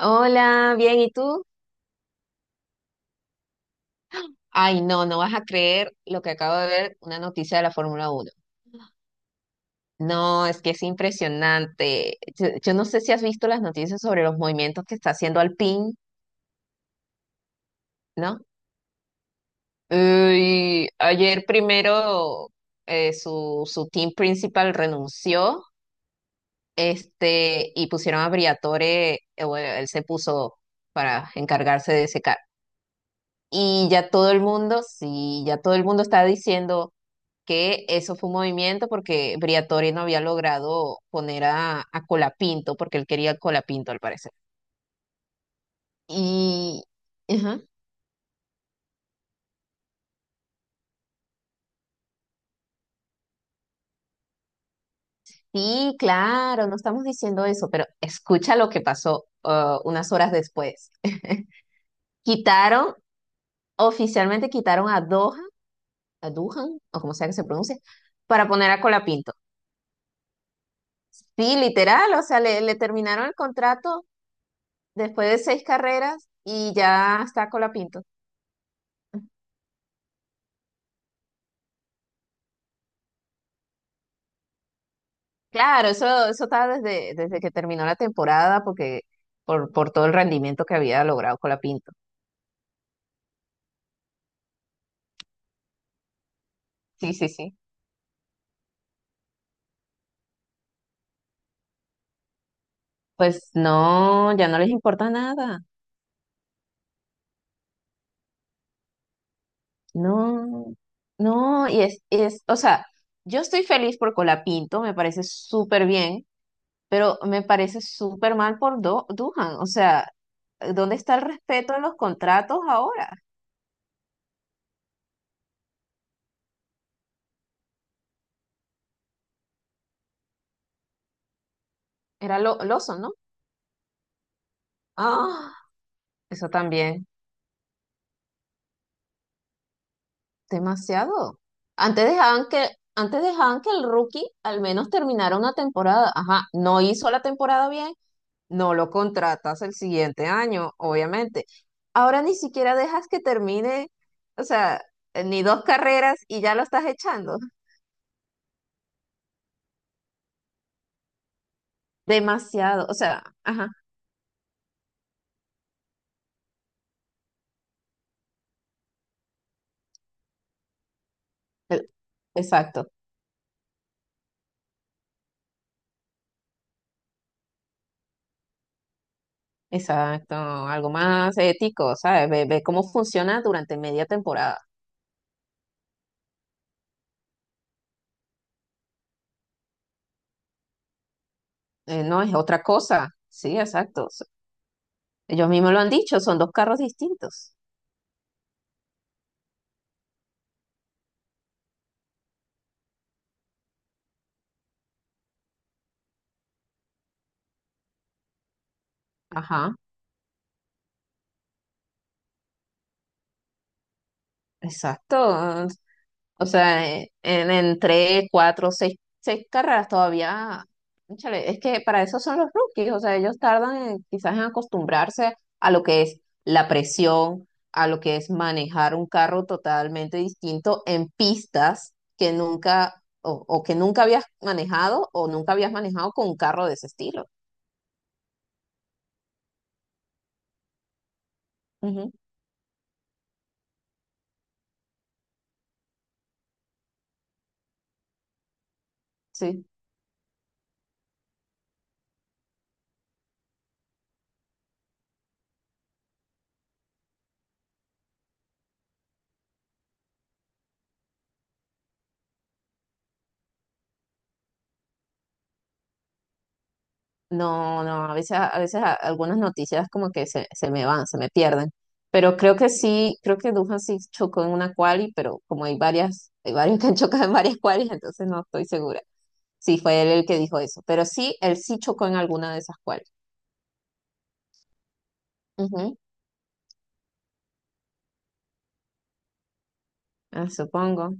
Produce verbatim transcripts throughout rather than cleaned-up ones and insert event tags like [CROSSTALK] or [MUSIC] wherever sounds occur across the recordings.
Hola, bien, ¿y tú? Ay, no, no vas a creer lo que acabo de ver, una noticia de la Fórmula Uno. No, es que es impresionante. Yo, yo no sé si has visto las noticias sobre los movimientos que está haciendo Alpine, ¿no? Uy, ayer primero eh, su, su team principal renunció, este, y pusieron a Briatore, eh, bueno, él se puso para encargarse de ese carro. Y ya todo el mundo, sí, ya todo el mundo está diciendo que eso fue un movimiento porque Briatore no había logrado poner a, a Colapinto, porque él quería a Colapinto al parecer. Y, ajá. Sí, claro, no estamos diciendo eso, pero escucha lo que pasó ah, unas horas después. Quitaron, Oficialmente quitaron a Doha, a Duhan, o como sea que se pronuncie, para poner a Colapinto. Sí, literal, o sea, le, le terminaron el contrato después de seis carreras y ya está Colapinto. Claro, eso, eso estaba desde, desde que terminó la temporada, porque por, por todo el rendimiento que había logrado con la Pinto. Sí, sí, sí. Pues no, ya no les importa nada. No, no, y es, y es, o sea, yo estoy feliz por Colapinto, me parece súper bien, pero me parece súper mal por Do- Duhan. O sea, ¿dónde está el respeto en los contratos ahora? Era lo, Lawson, ¿no? Ah, eso también. Demasiado. Antes dejaban que, antes dejaban que el rookie al menos terminara una temporada. Ajá, no hizo la temporada bien, no lo contratas el siguiente año, obviamente. Ahora ni siquiera dejas que termine, o sea, eh, ni dos carreras y ya lo estás echando. Demasiado, o sea, ajá, e- exacto, exacto. Algo más ético, ¿sabes? Ve, ve cómo funciona durante media temporada. Eh, no es otra cosa. Sí, exacto. Ellos mismos lo han dicho, son dos carros distintos. Ajá. Exacto. O sea, eh, en, en tres, cuatro, seis, seis carreras todavía. Cónchale, es que para eso son los rookies. O sea, ellos tardan en- quizás en acostumbrarse a lo que es la presión, a lo que es manejar un carro totalmente distinto en pistas que nunca o, o que nunca habías manejado o nunca habías manejado con un carro de ese estilo. Ujú, sí. No, no, a veces, a veces a- algunas noticias como que se, se me van, se me pierden. Pero creo que sí, creo que Duhan sí chocó en una quali, pero como hay varias, hay varios [LAUGHS] que han chocado en varias qualis, entonces no estoy segura. Sí, fue él el que dijo eso. Pero sí, él sí chocó en alguna de esas qualis. Ujú, ah, supongo.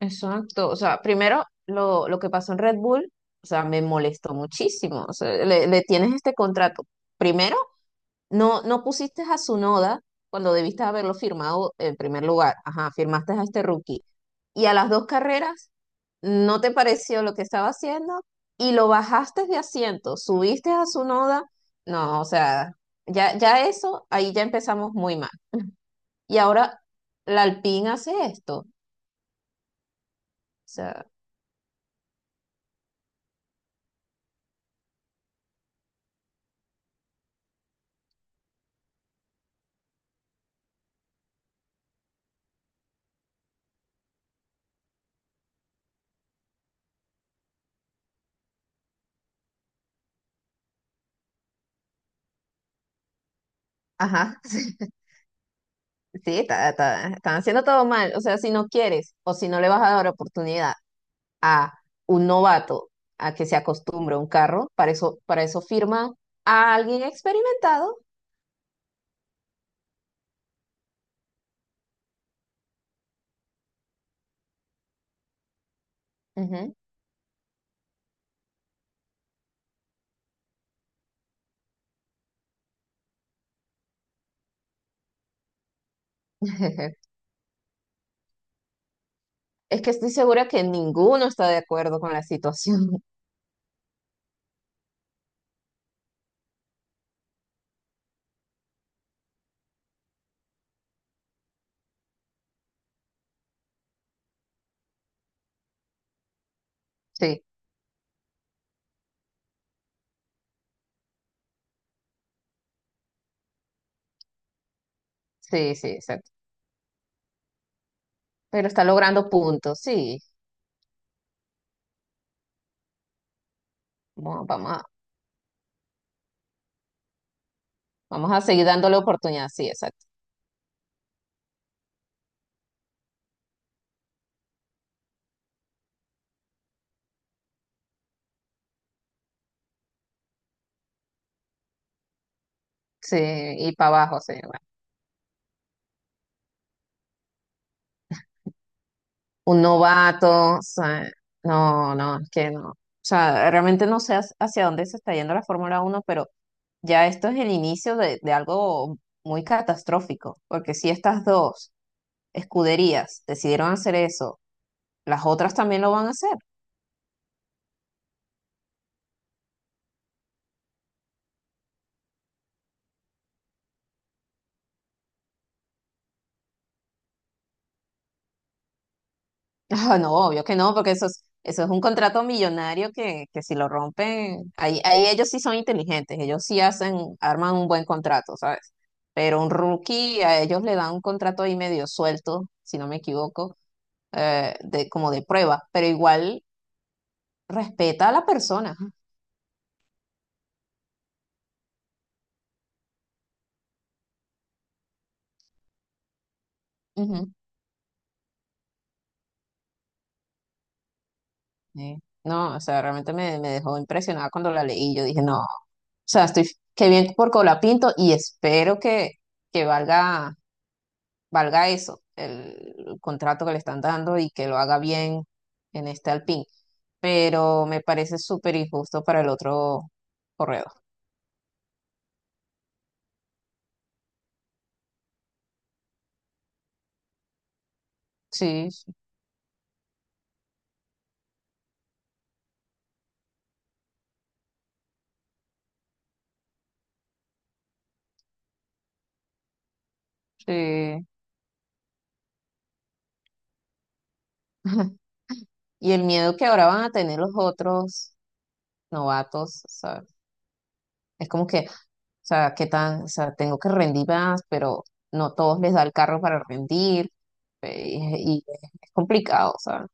Exacto. O sea, primero lo, lo que pasó en Red Bull, o sea, me molestó muchísimo. O sea, le, le tienes este contrato. Primero, no, no pusiste a Sunoda cuando debiste haberlo firmado en primer lugar. Ajá, firmaste a este rookie. Y a las dos carreras no te pareció lo que estaba haciendo y lo bajaste de asiento, subiste a Sunoda. No, o sea, ya, ya eso, ahí ya empezamos muy mal. [LAUGHS] Y ahora la Alpine hace esto. O sea, ajá, [LAUGHS] sí, está- está- están haciendo todo mal. O sea, si no quieres o si no le vas a dar oportunidad a un novato a que se acostumbre a un carro, para eso, para eso firma a alguien experimentado. Ujú. [LAUGHS] Es que estoy segura que ninguno está de acuerdo con la situación. [LAUGHS] Sí, sí, sí, exacto. Pero está logrando puntos, sí. Vamos, vamos a, Vamos a seguir dándole oportunidad, sí, exacto. Sí, y para abajo, sí. Un novato, o sea, no, no, es que no. O sea, realmente no sé hacia hacia dónde se está yendo la Fórmula Uno, pero ya esto es el inicio de, de algo muy catastrófico, porque si estas dos escuderías decidieron hacer eso, las otras también lo van a hacer. Ah, no, obvio que no, porque eso es, eso es un contrato millonario que, que si lo rompen, ahí, ahí ellos sí son inteligentes, ellos sí hacen, arman un buen contrato, ¿sabes? Pero un rookie a ellos le dan un contrato ahí medio suelto, si no me equivoco, eh, de, como de prueba, pero igual respeta a la persona. Ujú. Sí. No, o sea, realmente me, me dejó impresionada cuando la leí. Yo dije, no, o sea, estoy, qué bien por Colapinto y espero que, que valga valga eso, el contrato que le están dando y que lo haga bien en este Alpine. Pero me parece súper injusto para el otro corredor. Sí, sí, sí. [LAUGHS] Y el miedo que ahora van a tener los otros novatos, ¿sabes? Es como que, o sea, ¿qué tan, o sea, tengo que rendir más, pero no todos les da el carro para rendir, eh, y, y es complicado, ¿sabes?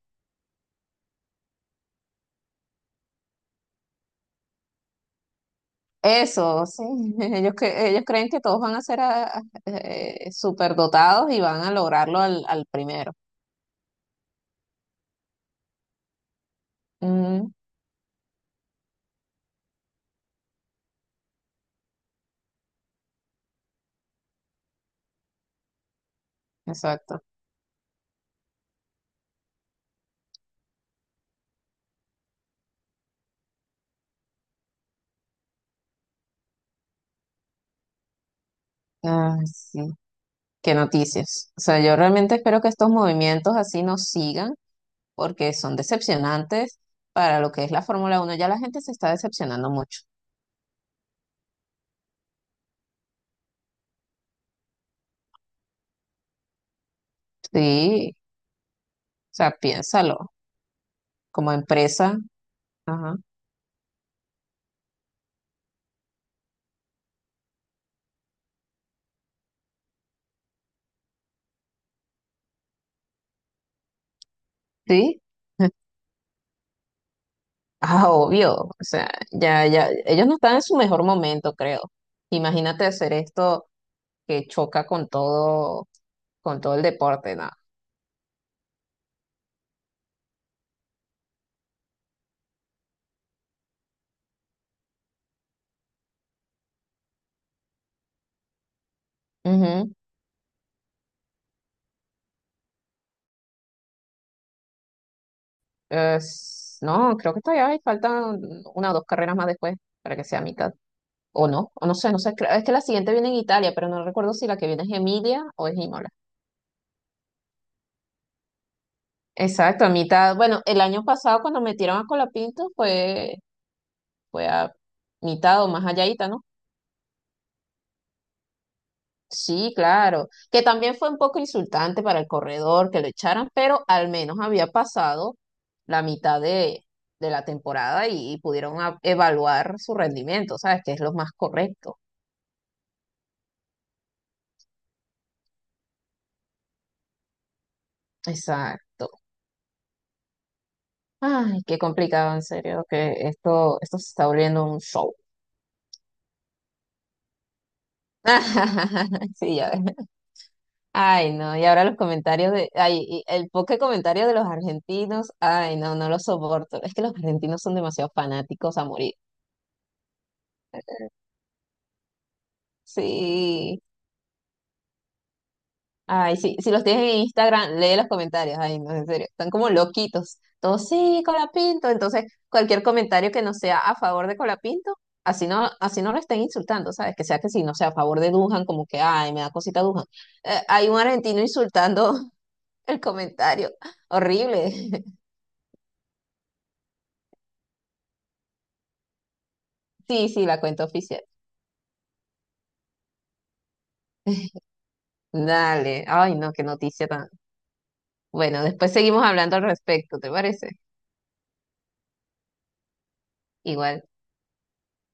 Eso, sí. [LAUGHS] Ellos, cre- ellos creen que todos van a ser a- eh, superdotados y van a lograrlo al, al primero. Mm, exacto. Ah, sí. Qué noticias. O sea, yo realmente espero que estos movimientos así nos sigan porque son decepcionantes para lo que es la Fórmula Uno. Ya la gente se está decepcionando mucho. Sí. O sea, piénsalo. Como empresa. Ajá. Sí. [LAUGHS] Ah, obvio, o sea, ya, ya, ellos no están en su mejor momento, creo. Imagínate hacer esto que choca con todo, con todo el deporte, nada. Ujú. Es- no, creo que todavía hay, faltan una o dos carreras más después para que sea mitad. O no, o no sé, no sé. creo- Es que la siguiente viene en Italia, pero no recuerdo si la que viene es Emilia o es Imola. Exacto, a mitad. Bueno, el año pasado cuando metieron a Colapinto fue, fue a mitad o más allá, ¿no? Sí, claro, que también fue un poco insultante para el corredor que lo echaran, pero al menos había pasado la mitad de, de la temporada y, y pudieron a- evaluar su rendimiento, ¿sabes? Que es lo más correcto. Exacto. Ay, qué complicado, en serio, que esto, esto se está volviendo un show. [LAUGHS] Sí, ya. Ay, no, y ahora los comentarios de, ay, y el poco comentario de los argentinos, ay, no, no lo soporto. Es que los argentinos son demasiado fanáticos a morir. Sí. Ay, sí, si los tienes en Instagram, lee los comentarios. Ay, no, en serio, están como loquitos. Todos, sí, Colapinto. Entonces, cualquier comentario que no sea a favor de Colapinto, así no, así no lo estén insultando, ¿sabes? Que sea que sí no sea a favor de Dujan, como que, ay, me da cosita Dujan. Eh, hay un argentino insultando [LAUGHS] el comentario. Horrible. [LAUGHS] Sí, sí, la cuenta oficial. [LAUGHS] Dale. Ay, no, qué noticia tan. Bueno, después seguimos hablando al respecto, ¿te parece? Igual.